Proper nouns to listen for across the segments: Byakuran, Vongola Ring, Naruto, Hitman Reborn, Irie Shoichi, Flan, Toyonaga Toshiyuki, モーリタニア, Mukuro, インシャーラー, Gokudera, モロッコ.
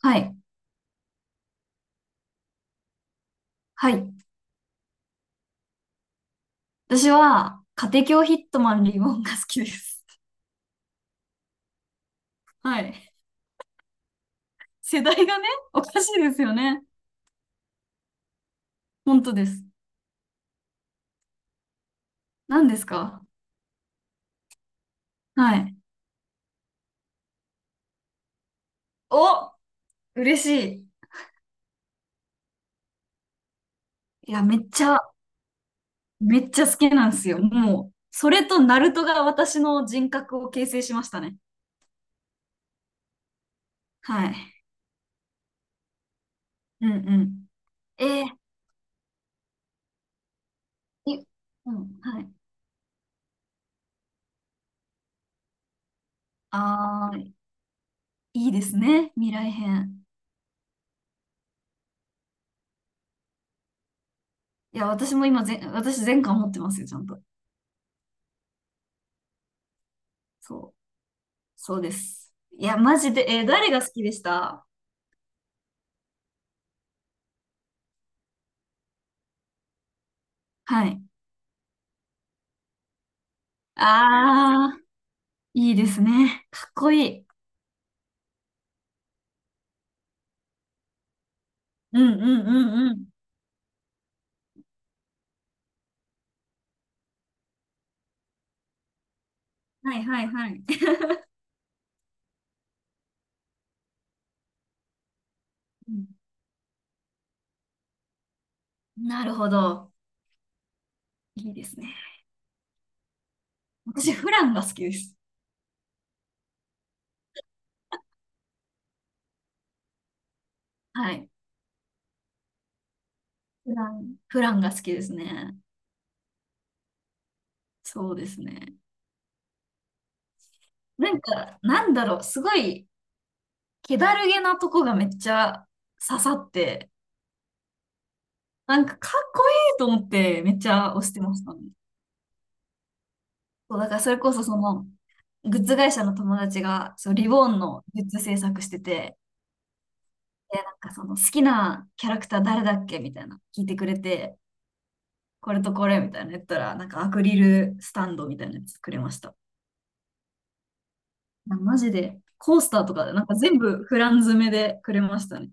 はい。はい。私は、家庭教ヒットマンリボンが好きです。はい。世代がね、おかしいですよね。本当です。何ですか？はい。お、嬉しい。いや、めっちゃ好きなんですよ。もう、それとナルトが私の人格を形成しましたね。はい。うんうん。えー、いうん、はい。あー、いいですね。未来編。いや、私も今ぜん、私全巻持ってますよ、ちゃんと。そう。そうです。いや、マジで、誰が好きでした？はい。あー、いいですね。かっこいい。うんうんうんうん。はいはいはい。うん、なるほど。いいですね。私、フランが好きです。はい。フラン。フランが好きですね。そうですね。なんか、なんだろう、すごい、気だるげなとこがめっちゃ刺さって、なんかかっこいいと思ってめっちゃ押してましたね。そう、だからそれこそその、グッズ会社の友達が、そう、リボーンのグッズ制作してて、で、なんかその好きなキャラクター誰だっけみたいな、聞いてくれて、これとこれみたいなの言ったら、なんかアクリルスタンドみたいなやつくれました。な、マジで、コースターとか、なんか全部フラン詰めでくれましたね。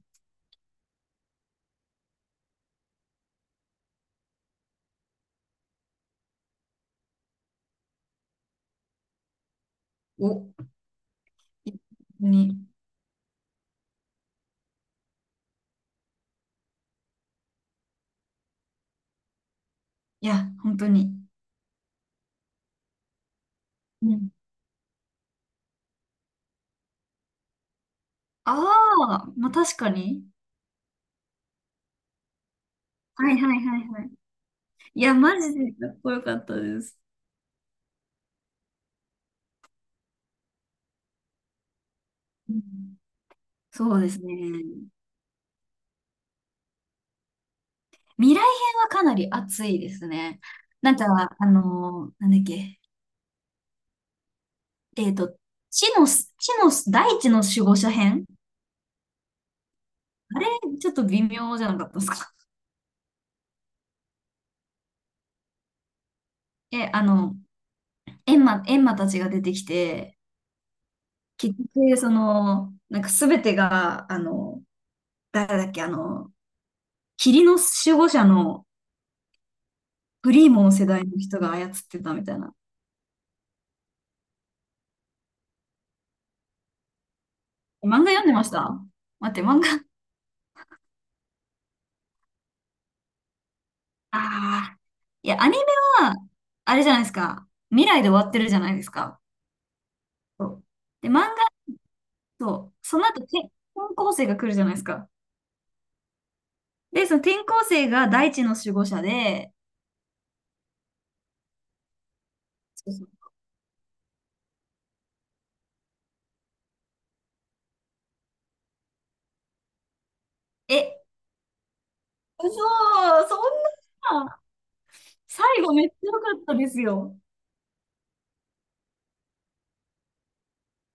お、いに、いや、本当に。うん。ああ、まあ確かに。はいはいはいはい。いや、マジでかっこよかったです。うん、そうですね。未来編はかなり熱いですね。なんか、なんだっけ、えっと、地の地の大地の守護者編。あれ、ちょっと微妙じゃなかったですか？え、エンマたちが出てきて、結局、その、なんか全てが、誰だっけ、霧の守護者のフリーモン世代の人が操ってたみたいな。漫画読んでました？待って、漫画、ああ、いや、アニメは、あれじゃないですか。未来で終わってるじゃないですか。そう、で、漫画だと、その後、転校生が来るじゃないですか。で、その転校生が大地の守護者で、そうそう、え、そう、そんな、最後めっちゃ良かったですよ。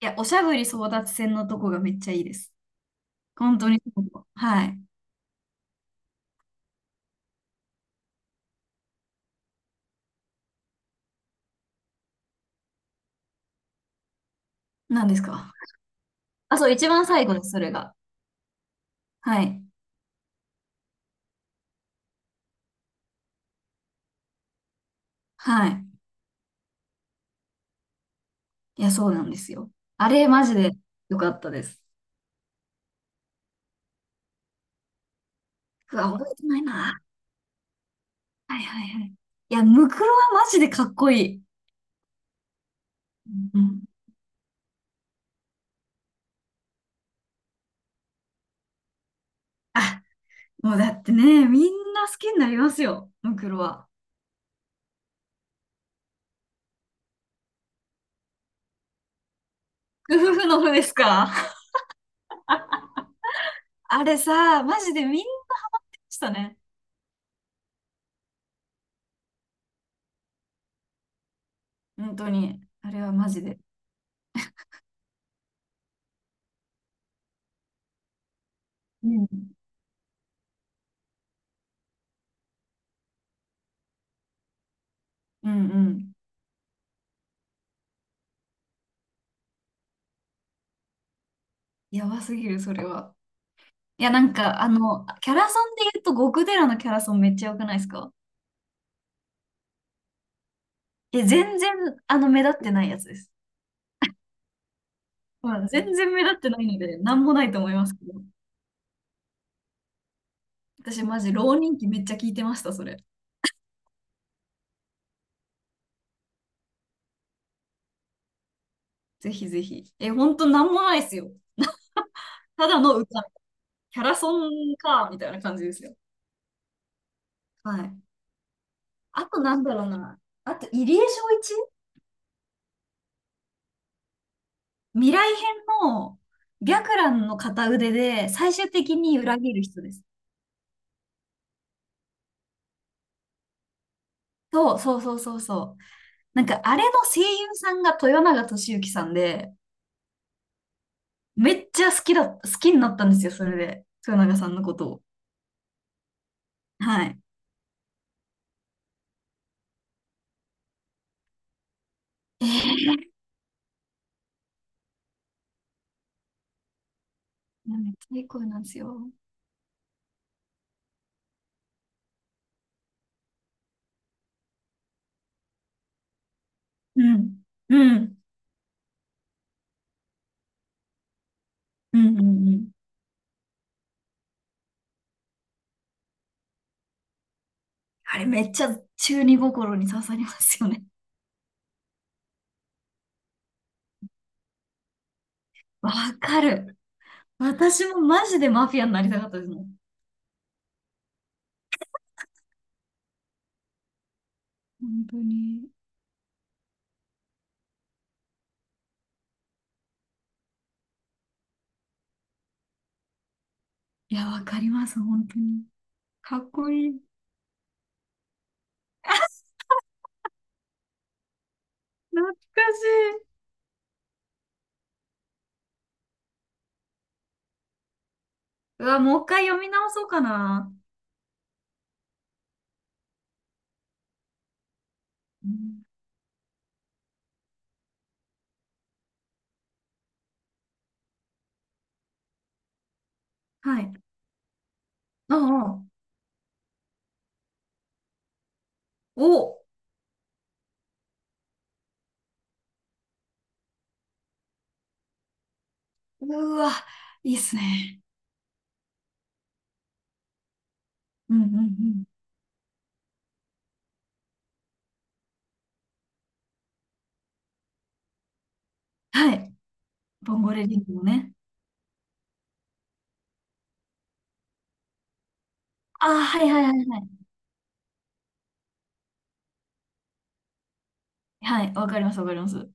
いや、おしゃぶり争奪戦のとこがめっちゃいいです。本当に、そう、はい。何ですか？あ、そう、一番最後です、それが。はい。はい。いや、そうなんですよ。あれ、マジで良かったです。うわ、覚えてないな。はいはいはい。いや、ムクロはマジでかっこいい。うん。あ、もうだってね、みんな好きになりますよ、ムクロは。ふふふのふですか？あれさ、マジでみんなでしたね。本当に。あれはマジで。うんうんうん。やばすぎる、それは。いや、なんか、キャラソンで言うと、極寺のキャラソンめっちゃ良くないですか？え、全然、目立ってないやつです。うん、全然目立ってないので、なんもないと思いますけど。私マジ浪人期めっちゃ聞いてました、それ。ぜひぜひ。え、ほんとなんもないですよ。ただの歌。キャラソンか、みたいな感じですよ。はい。あと、なんだろうな。あと、入江正一。未来編の白蘭の片腕で最終的に裏切る人です。そうそうそうそうそう。なんかあれの声優さんが豊永俊之さんで、めっちゃ好きだ、好きになったんですよ、それで。豊永さんのことを。はい。えー、めっちゃいい声なんですよ。うん。うん。うんうんうん。あれめっちゃ中二心に刺さりますよね。わかる。私もマジでマフィアになりたかったですもん。本当に。いや、わかります、本当に。かっこいい。懐かしい。うわ、もう一回読み直そうかな。うん、はい。うんうん。お、うわ、いいっすね。うんうんうん。はい。ボンゴレディングのね。ああ、はいはいはいはい。はい、わかりますわかります。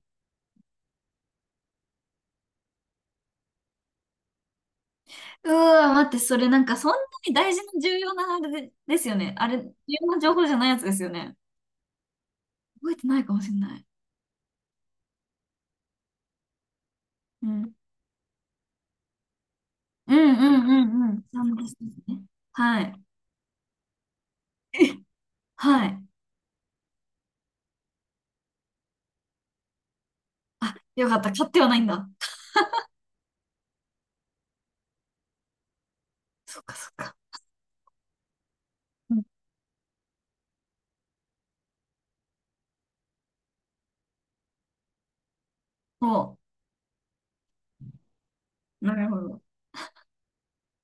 うわ、待って、それなんかそんなに大事な重要なあれで、ですよね。あれ、重要な情報じゃないやつですよね。覚えてないかもしれない。うん。うんうんうんうん。そうですね。はい。え、はい。あ、よかった。買ってはないんだ。そっかそっか。うん、そう。なるほど。